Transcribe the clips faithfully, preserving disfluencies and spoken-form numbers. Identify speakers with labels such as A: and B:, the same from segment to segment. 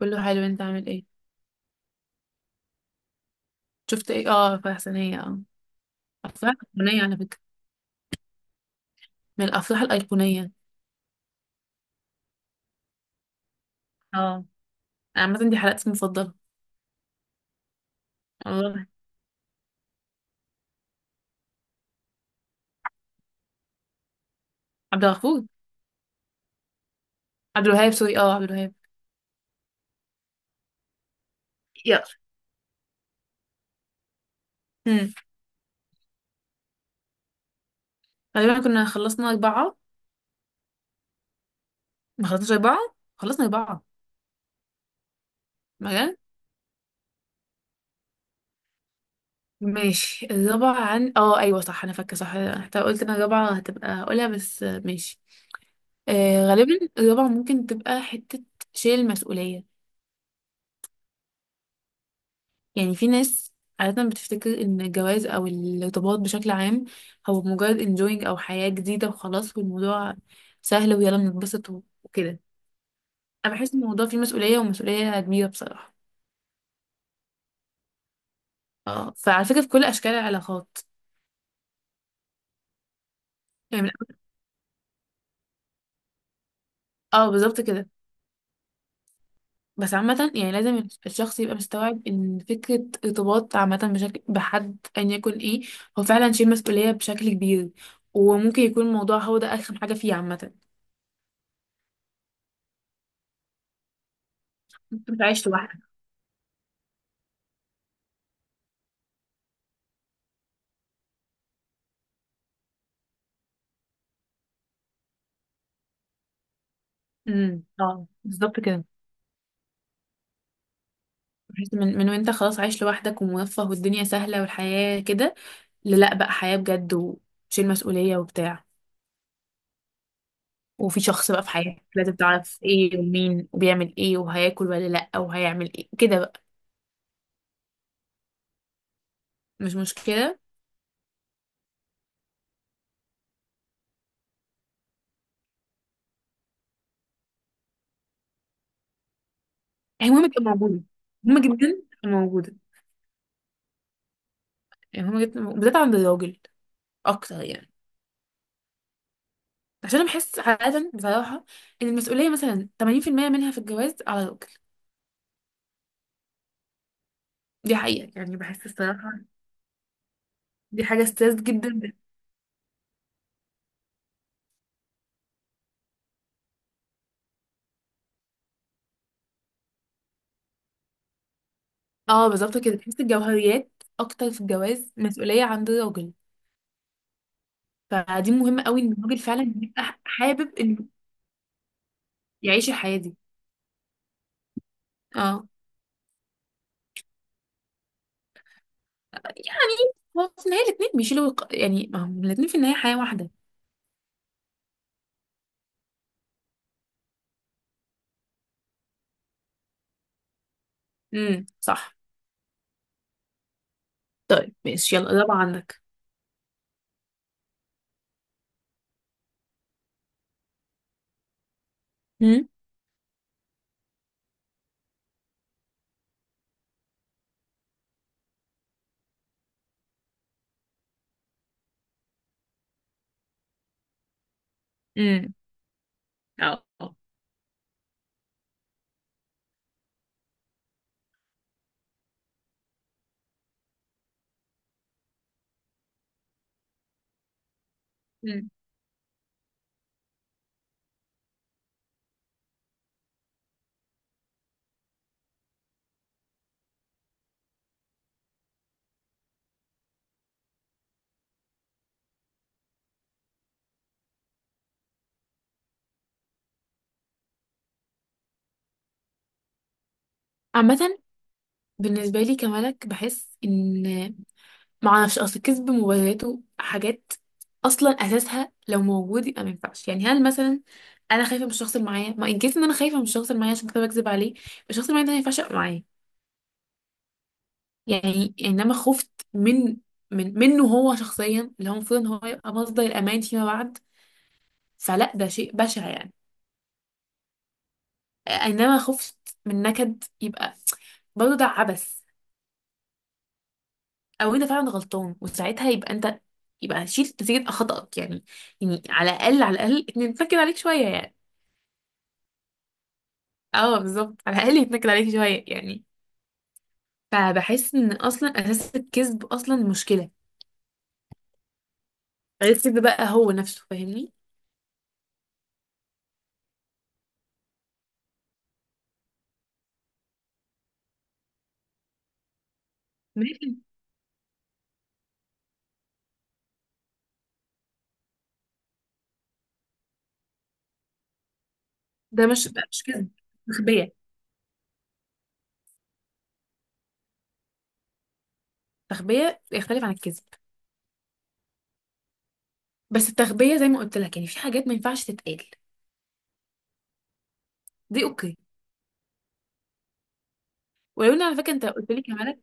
A: كله حلو، انت عامل ايه؟ شفت ايه؟ اه افراح سنية. اه، افراح ايقونية على فكرة، من الافراح الايقونية. اه، انا عامة دي حلقتي المفضلة والله. عبد الغفور. عبد الوهاب سوري، اه عبد الوهاب. يلا. امم غالبا كنا خلصنا اربعة. ما خلصناش اربعة، خلصنا اربعة. مجال. ماشي الرابعة عن اه ايوه صح، انا فاكرة صح. حتى قلت انا الرابعة هتبقى اقولها، بس آه، ماشي. آه غالبا الرابعة ممكن تبقى حتة شيل المسؤولية. يعني في ناس عادة بتفتكر إن الجواز أو الارتباط بشكل عام هو مجرد enjoying أو حياة جديدة وخلاص، والموضوع سهل ويلا بنتبسط و- وكده. أنا بحس إن الموضوع فيه مسؤولية، ومسؤولية كبيرة بصراحة. اه، فعلى فكرة في كل أشكال العلاقات. يعني من أول- اه بالظبط كده. بس عامة يعني لازم الشخص يبقى مستوعب إن فكرة ارتباط عامة بشكل بحد أيا يكن إيه، هو فعلا شيء مسؤولية بشكل كبير. وممكن يكون الموضوع هو ده أرخم حاجة فيه عامة. أنت مش عايش لوحدك. امم، اه بالظبط كده. بحيث من من وانت خلاص عايش لوحدك وموفه والدنيا سهله والحياه كده، للا بقى حياه بجد وشيل مسؤوليه وبتاع. وفي شخص بقى في حياتك لازم تعرف ايه ومين وبيعمل ايه وهياكل ولا لا وهيعمل ايه كده بقى. مش مشكله. هي مهمه تبقى موجوده، مهمه جدا تبقى موجوده. يعني مهمه جدا بالذات عند الراجل اكتر يعني. عشان انا بحس عادة بصراحة ان المسؤولية مثلا ثمانين في المية منها في الجواز على الراجل. دي حقيقة يعني بحس الصراحة. دي حاجة ستريس جدا. اه بالظبط كده، تحس الجوهريات اكتر في الجواز مسؤولية عند الراجل. فدي مهمة قوي ان الراجل فعلا يبقى ح- حابب انه يعيش الحياة دي. اه يعني هو في النهاية الاتنين بيشيلوا الق- يعني ما هم الاتنين في النهاية حياة واحدة. امم صح. طيب ماشي، يلا الرابعة عندك. امم. امم اه آه. مم. عامة بالنسبة لي كملك بحس ان معرفش، اصل كذب مبرراته حاجات اصلا اساسها لو موجود يبقى ما ينفعش. يعني هل مثلا انا خايفه من الشخص اللي معايا؟ ما ان كيس ان انا خايفه من الشخص اللي معايا عشان كده بكذب عليه، الشخص اللي معايا ده ما ينفعش يبقى معايا. يعني انما خفت من من منه هو شخصيا اللي هو المفروض ان هو يبقى مصدر الامان فيما بعد، فلا ده شيء بشع يعني. انما خفت من نكد يبقى، برضه ده عبث. او انت فعلا غلطان وساعتها يبقى انت يبقى شيل نتيجة خطأك يعني. يعني على الأقل على الأقل يتنكد عليك شوية يعني. اه بالظبط، على الأقل يتنكد عليك شوية يعني. فبحس ان اصلا اساس الكذب اصلا مشكلة، غير الكذب بقى هو نفسه، فاهمني؟ ماشي. ده مش ده مش كذب، تخبية. تخبية يختلف عن الكذب. بس التخبية زي ما قلت لك، يعني في حاجات ما ينفعش تتقال، دي اوكي. ولو ان على فكرة انت قلت لي كمان،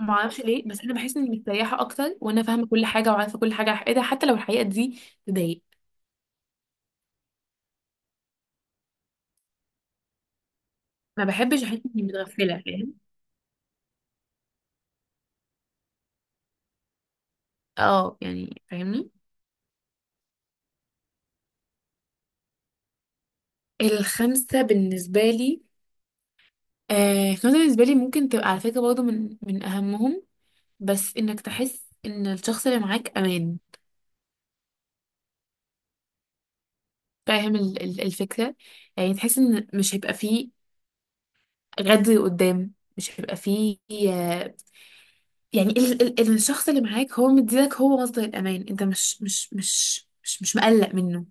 A: ما اعرفش ليه بس انا بحس اني مستريحه اكتر وانا فاهمه كل حاجه وعارفه كل حاجه على حقيقتها حتى لو الحقيقه دي تضايق. ما بحبش احس اني متغفله، فاهم؟ اه يعني فاهمني. الخمسه بالنسبه لي، آه الخمسه بالنسبه لي ممكن تبقى على فكره برضه من من اهمهم، بس انك تحس ان الشخص اللي معاك امان. فاهم ال- ال- الفكره؟ يعني تحس ان مش هيبقى فيه غدر قدام، مش هيبقى فيه آه، يعني ال ال ال- الشخص اللي معاك هو مديلك، هو مصدر الأمان، انت مش مش مش مش مش مقلق منه.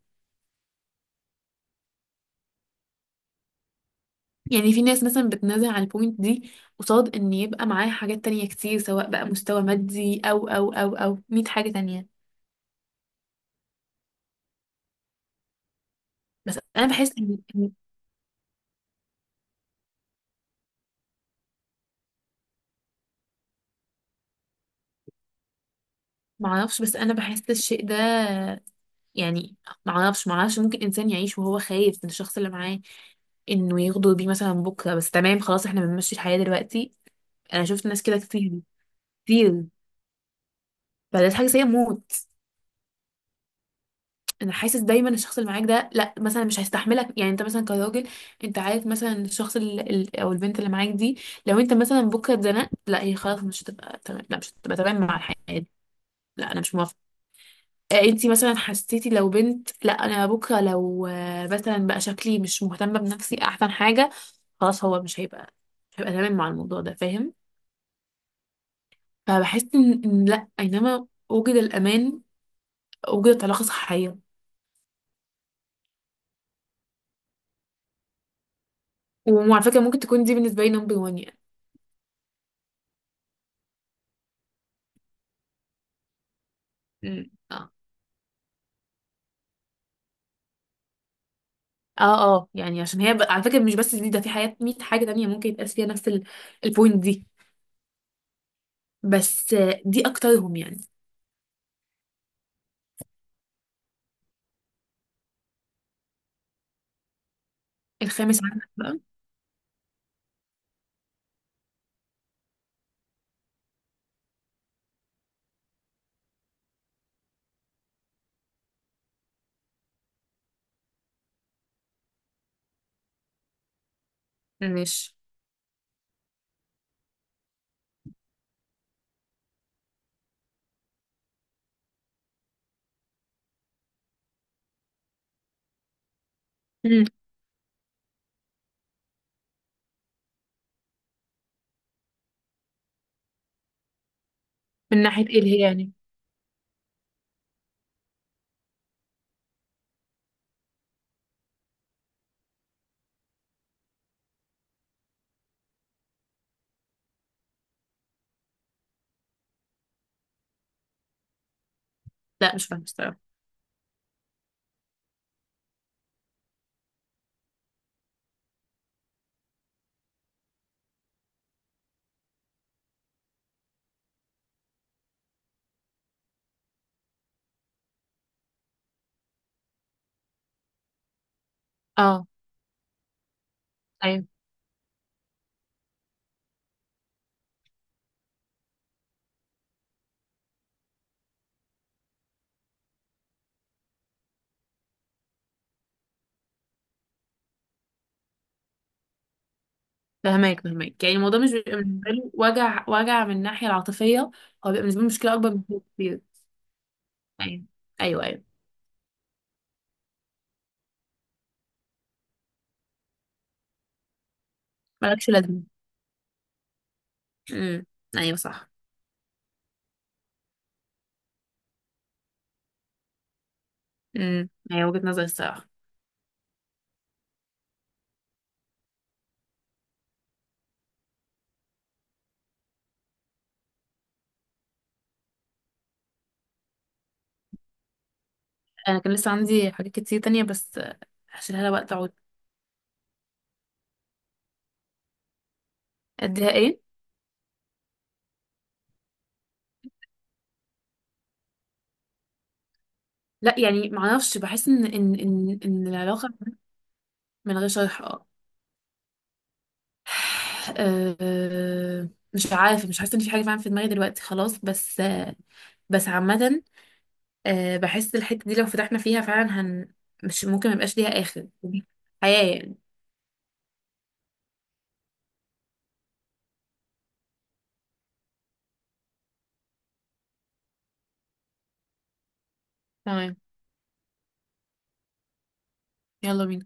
A: يعني في ناس مثلا بتنازل على البوينت دي قصاد ان يبقى معاه حاجات تانية كتير، سواء بقى مستوى مادي او او او او مية حاجة تانية. بس انا بحس ان إن- معرفش، بس انا بحس الشيء ده يعني. معرفش، معرفش ممكن انسان يعيش وهو خايف من الشخص اللي معاه انه يغدر بيه مثلا بكرة، بس تمام خلاص احنا بنمشي الحياة دلوقتي. انا شفت ناس كده كتير، كتير. فده حاجة سيئة موت. انا حاسس دايما الشخص اللي معاك ده لا مثلا مش هيستحملك. يعني انت مثلا كراجل، انت عارف مثلا الشخص ال- ال- او البنت اللي معاك دي، لو انت مثلا بكره اتزنقت، لا هي خلاص مش هتبقى تمام، لا مش هتبقى تمام مع الحياه. لا انا مش موافقه. آه، انتي مثلا حسيتي لو بنت، لا انا بكره لو آه، مثلا بقى شكلي مش مهتمه بنفسي احسن حاجه، خلاص هو مش هيبقى، مش هيبقى تمام مع الموضوع ده، فاهم؟ فبحس ان إن لا، اينما وجد الامان وجدت علاقه صحيه. وعلى فكره ممكن تكون دي بالنسبه لي نمبر واحد يعني. اه اه يعني عشان هي ب... على فكرة مش بس دي، ده في حاجات مية حاجة تانية ممكن يتقاس فيها نفس ال... البوينت دي. بس آه، دي أكترهم يعني. الخامس عندك بقى. ماشي. مم. من ناحية ايه اللي هي يعني؟ لا مش فاهمة الصراحة. اه ايوه. فهماك، فهماك. يعني الموضوع مش بيبقى بالنسبة له وجع، وجع من الناحية العاطفية. هو بيبقى بالنسبة له مشكلة أكبر من كده كتير. أيوه. أيوه أيوه. مالكش لازمة. امم. أيوه صح. امم أيوه، وجهة نظري الصراحة. أنا كان لسه عندي حاجات كتير تانية بس آه، هشيلها لها وقت أقعد. أديها إيه؟ لا يعني معرفش، بحس ان ان ان ان العلاقه. من غير شرح، اه. آه، مش عارفه، مش حاسه ان في حاجه فعلا في دماغي دلوقتي خلاص، بس آه، بس عامه آه، بحس الحته دي لو فتحنا فيها فعلا هن، مش ممكن ميبقاش ليها اخر، حياه يعني. تمام. يلا بينا.